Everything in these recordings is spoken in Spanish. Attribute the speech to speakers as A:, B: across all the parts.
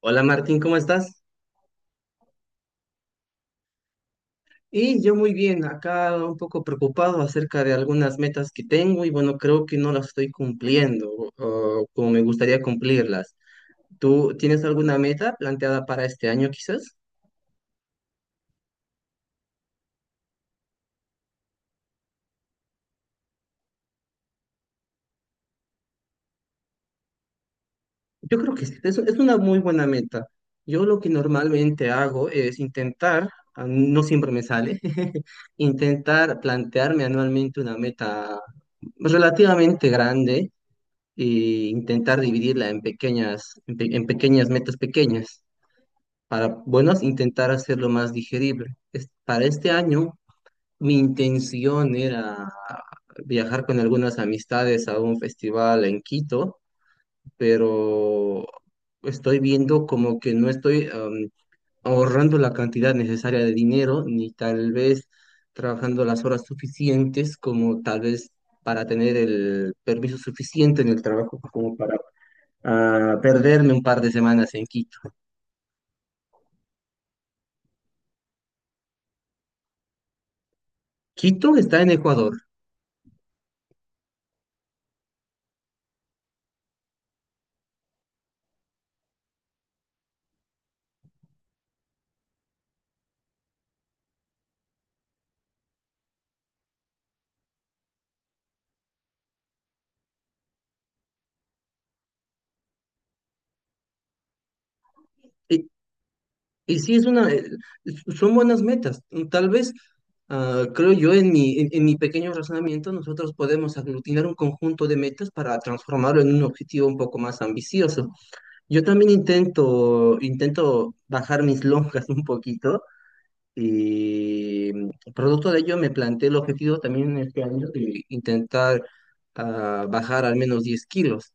A: Hola Martín, ¿cómo estás? Y yo muy bien, acá un poco preocupado acerca de algunas metas que tengo y bueno, creo que no las estoy cumpliendo o como me gustaría cumplirlas. ¿Tú tienes alguna meta planteada para este año quizás? Yo creo que sí, es una muy buena meta. Yo lo que normalmente hago es intentar, no siempre me sale, intentar plantearme anualmente una meta relativamente grande e intentar dividirla en pequeñas, en pequeñas metas pequeñas para, bueno, intentar hacerlo más digerible. Para este año, mi intención era viajar con algunas amistades a un festival en Quito, pero estoy viendo como que no estoy ahorrando la cantidad necesaria de dinero, ni tal vez trabajando las horas suficientes como tal vez para tener el permiso suficiente en el trabajo como para a perderme un par de semanas en Quito. Quito está en Ecuador. Y, y sí, es una, son buenas metas. Tal vez, creo yo, en mi pequeño razonamiento, nosotros podemos aglutinar un conjunto de metas para transformarlo en un objetivo un poco más ambicioso. Yo también intento bajar mis lonjas un poquito. Y producto de ello me planteé el objetivo también este año de intentar bajar al menos 10 kilos.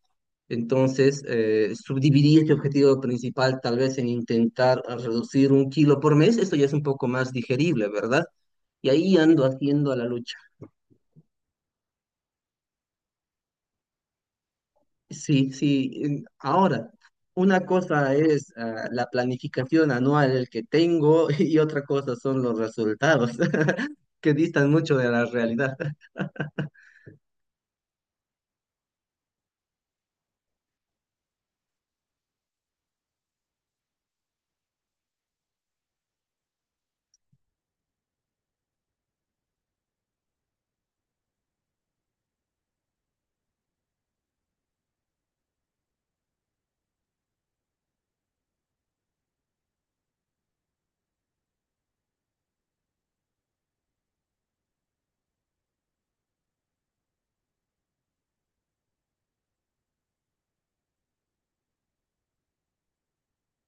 A: Entonces, subdividí este objetivo principal tal vez en intentar reducir 1 kilo por mes. Esto ya es un poco más digerible, ¿verdad? Y ahí ando haciendo a la lucha. Sí, sí. Ahora, una cosa es la planificación anual que tengo y otra cosa son los resultados que distan mucho de la realidad.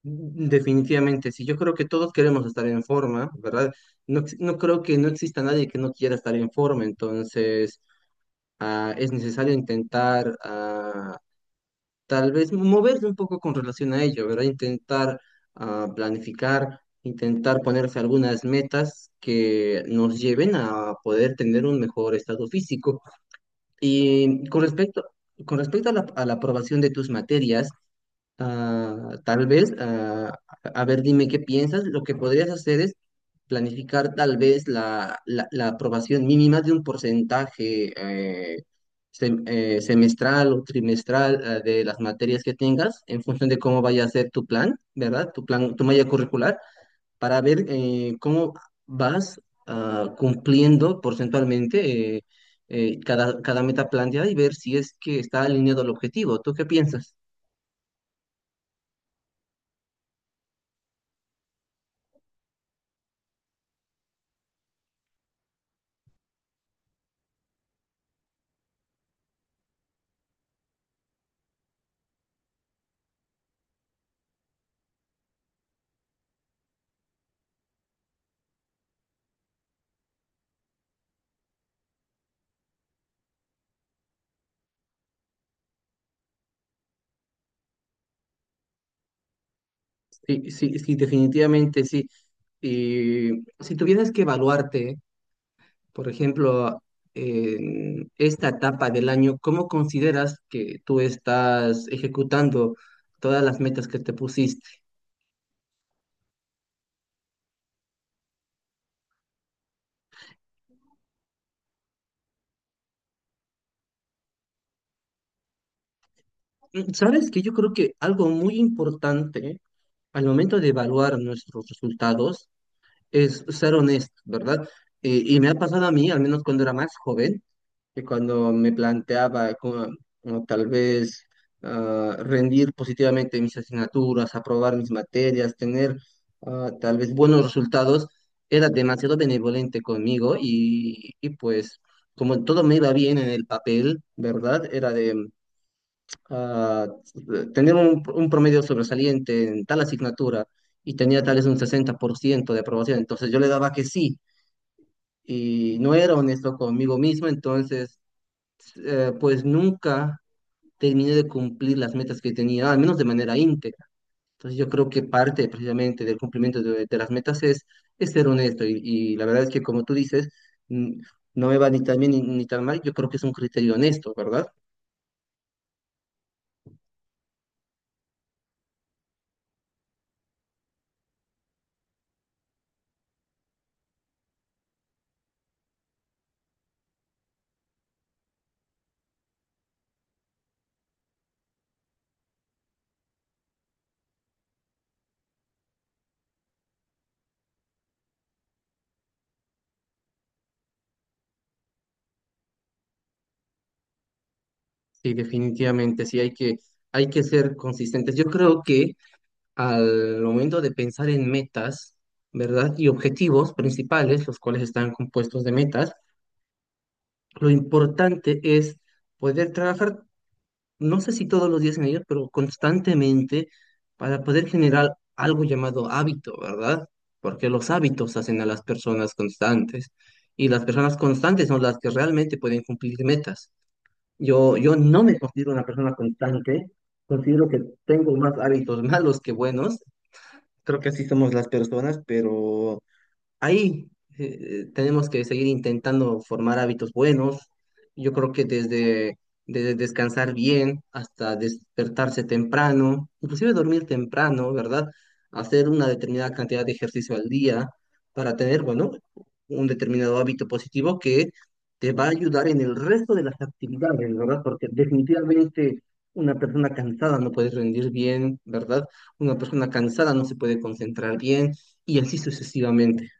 A: Definitivamente, sí, yo creo que todos queremos estar en forma, ¿verdad? No, no creo que no exista nadie que no quiera estar en forma, entonces es necesario intentar tal vez moverse un poco con relación a ello, ¿verdad? Intentar planificar, intentar ponerse algunas metas que nos lleven a poder tener un mejor estado físico. Y con respecto a la aprobación de tus materias. Tal vez, a ver, dime qué piensas. Lo que podrías hacer es planificar tal vez la aprobación mínima de un porcentaje eh, semestral o trimestral de las materias que tengas en función de cómo vaya a ser tu plan, ¿verdad? Tu plan, tu malla curricular, para ver cómo vas cumpliendo porcentualmente cada meta planteada y ver si es que está alineado al objetivo. ¿Tú qué piensas? Sí, sí, sí, definitivamente sí. Y si tuvieras que evaluarte, por ejemplo, en esta etapa del año, ¿cómo consideras que tú estás ejecutando todas las metas que te pusiste? Sabes que yo creo que algo muy importante al momento de evaluar nuestros resultados es ser honesto, ¿verdad? Y me ha pasado a mí, al menos cuando era más joven, que cuando me planteaba como tal vez rendir positivamente mis asignaturas, aprobar mis materias, tener tal vez buenos resultados, era demasiado benevolente conmigo y pues como todo me iba bien en el papel, ¿verdad? Era de ah, tener un promedio sobresaliente en tal asignatura y tenía tal vez un 60% de aprobación, entonces yo le daba que sí y no era honesto conmigo mismo, entonces pues nunca terminé de cumplir las metas que tenía, al menos de manera íntegra. Entonces yo creo que parte precisamente del cumplimiento de las metas es ser honesto y la verdad es que como tú dices, mm, no me va ni tan bien ni tan mal, yo creo que es un criterio honesto, ¿verdad? Sí, definitivamente, sí hay que ser consistentes. Yo creo que al momento de pensar en metas, ¿verdad? Y objetivos principales, los cuales están compuestos de metas, lo importante es poder trabajar, no sé si todos los días en ellos, pero constantemente, para poder generar algo llamado hábito, ¿verdad? Porque los hábitos hacen a las personas constantes y las personas constantes son las que realmente pueden cumplir metas. Yo no me considero una persona constante, considero que tengo más hábitos malos que buenos, creo que así somos las personas, pero ahí tenemos que seguir intentando formar hábitos buenos. Yo creo que desde descansar bien hasta despertarse temprano, inclusive dormir temprano, ¿verdad? Hacer una determinada cantidad de ejercicio al día para tener, bueno, un determinado hábito positivo que te va a ayudar en el resto de las actividades, ¿verdad? Porque definitivamente una persona cansada no puede rendir bien, ¿verdad? Una persona cansada no se puede concentrar bien, y así sucesivamente.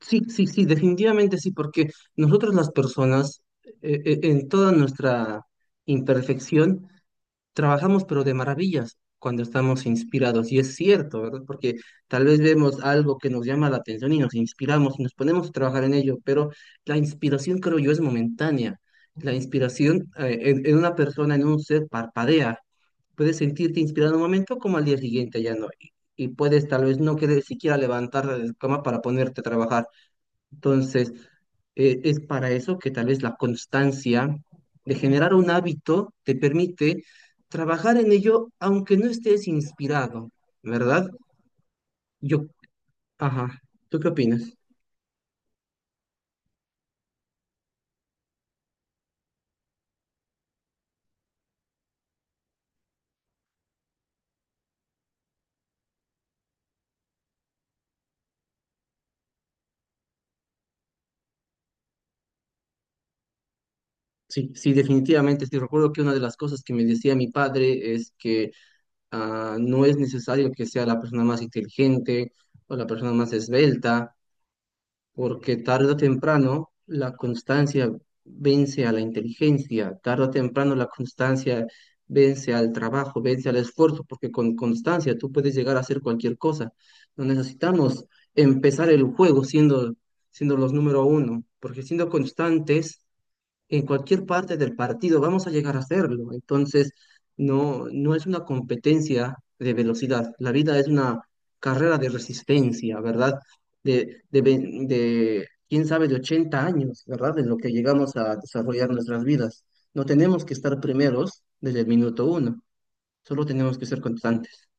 A: Sí, sí, sí, definitivamente sí, porque nosotros las personas, en toda nuestra imperfección, trabajamos pero de maravillas cuando estamos inspirados. Y es cierto, ¿verdad? Porque tal vez vemos algo que nos llama la atención y nos inspiramos y nos ponemos a trabajar en ello, pero la inspiración, creo yo, es momentánea. La inspiración, en una persona, en un ser, parpadea. Puedes sentirte inspirado en un momento como al día siguiente ya no. Y puedes tal vez no querer siquiera levantar de la cama para ponerte a trabajar. Entonces, es para eso que tal vez la constancia de generar un hábito te permite trabajar en ello aunque no estés inspirado, ¿verdad? Yo, ajá, ¿tú qué opinas? Sí, sí, definitivamente, sí, recuerdo que una de las cosas que me decía mi padre es que no es necesario que sea la persona más inteligente o la persona más esbelta, porque tarde o temprano la constancia vence a la inteligencia, tarde o temprano la constancia vence al trabajo, vence al esfuerzo, porque con constancia tú puedes llegar a hacer cualquier cosa. No necesitamos empezar el juego siendo los número uno, porque siendo constantes en cualquier parte del partido vamos a llegar a hacerlo. Entonces, no, no es una competencia de velocidad. La vida es una carrera de resistencia, ¿verdad? De quién sabe, de 80 años, ¿verdad? En lo que llegamos a desarrollar nuestras vidas. No tenemos que estar primeros desde el minuto uno. Solo tenemos que ser constantes.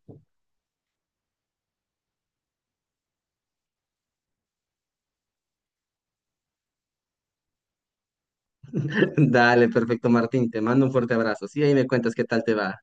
A: Dale, perfecto, Martín. Te mando un fuerte abrazo. Sí, ahí me cuentas qué tal te va.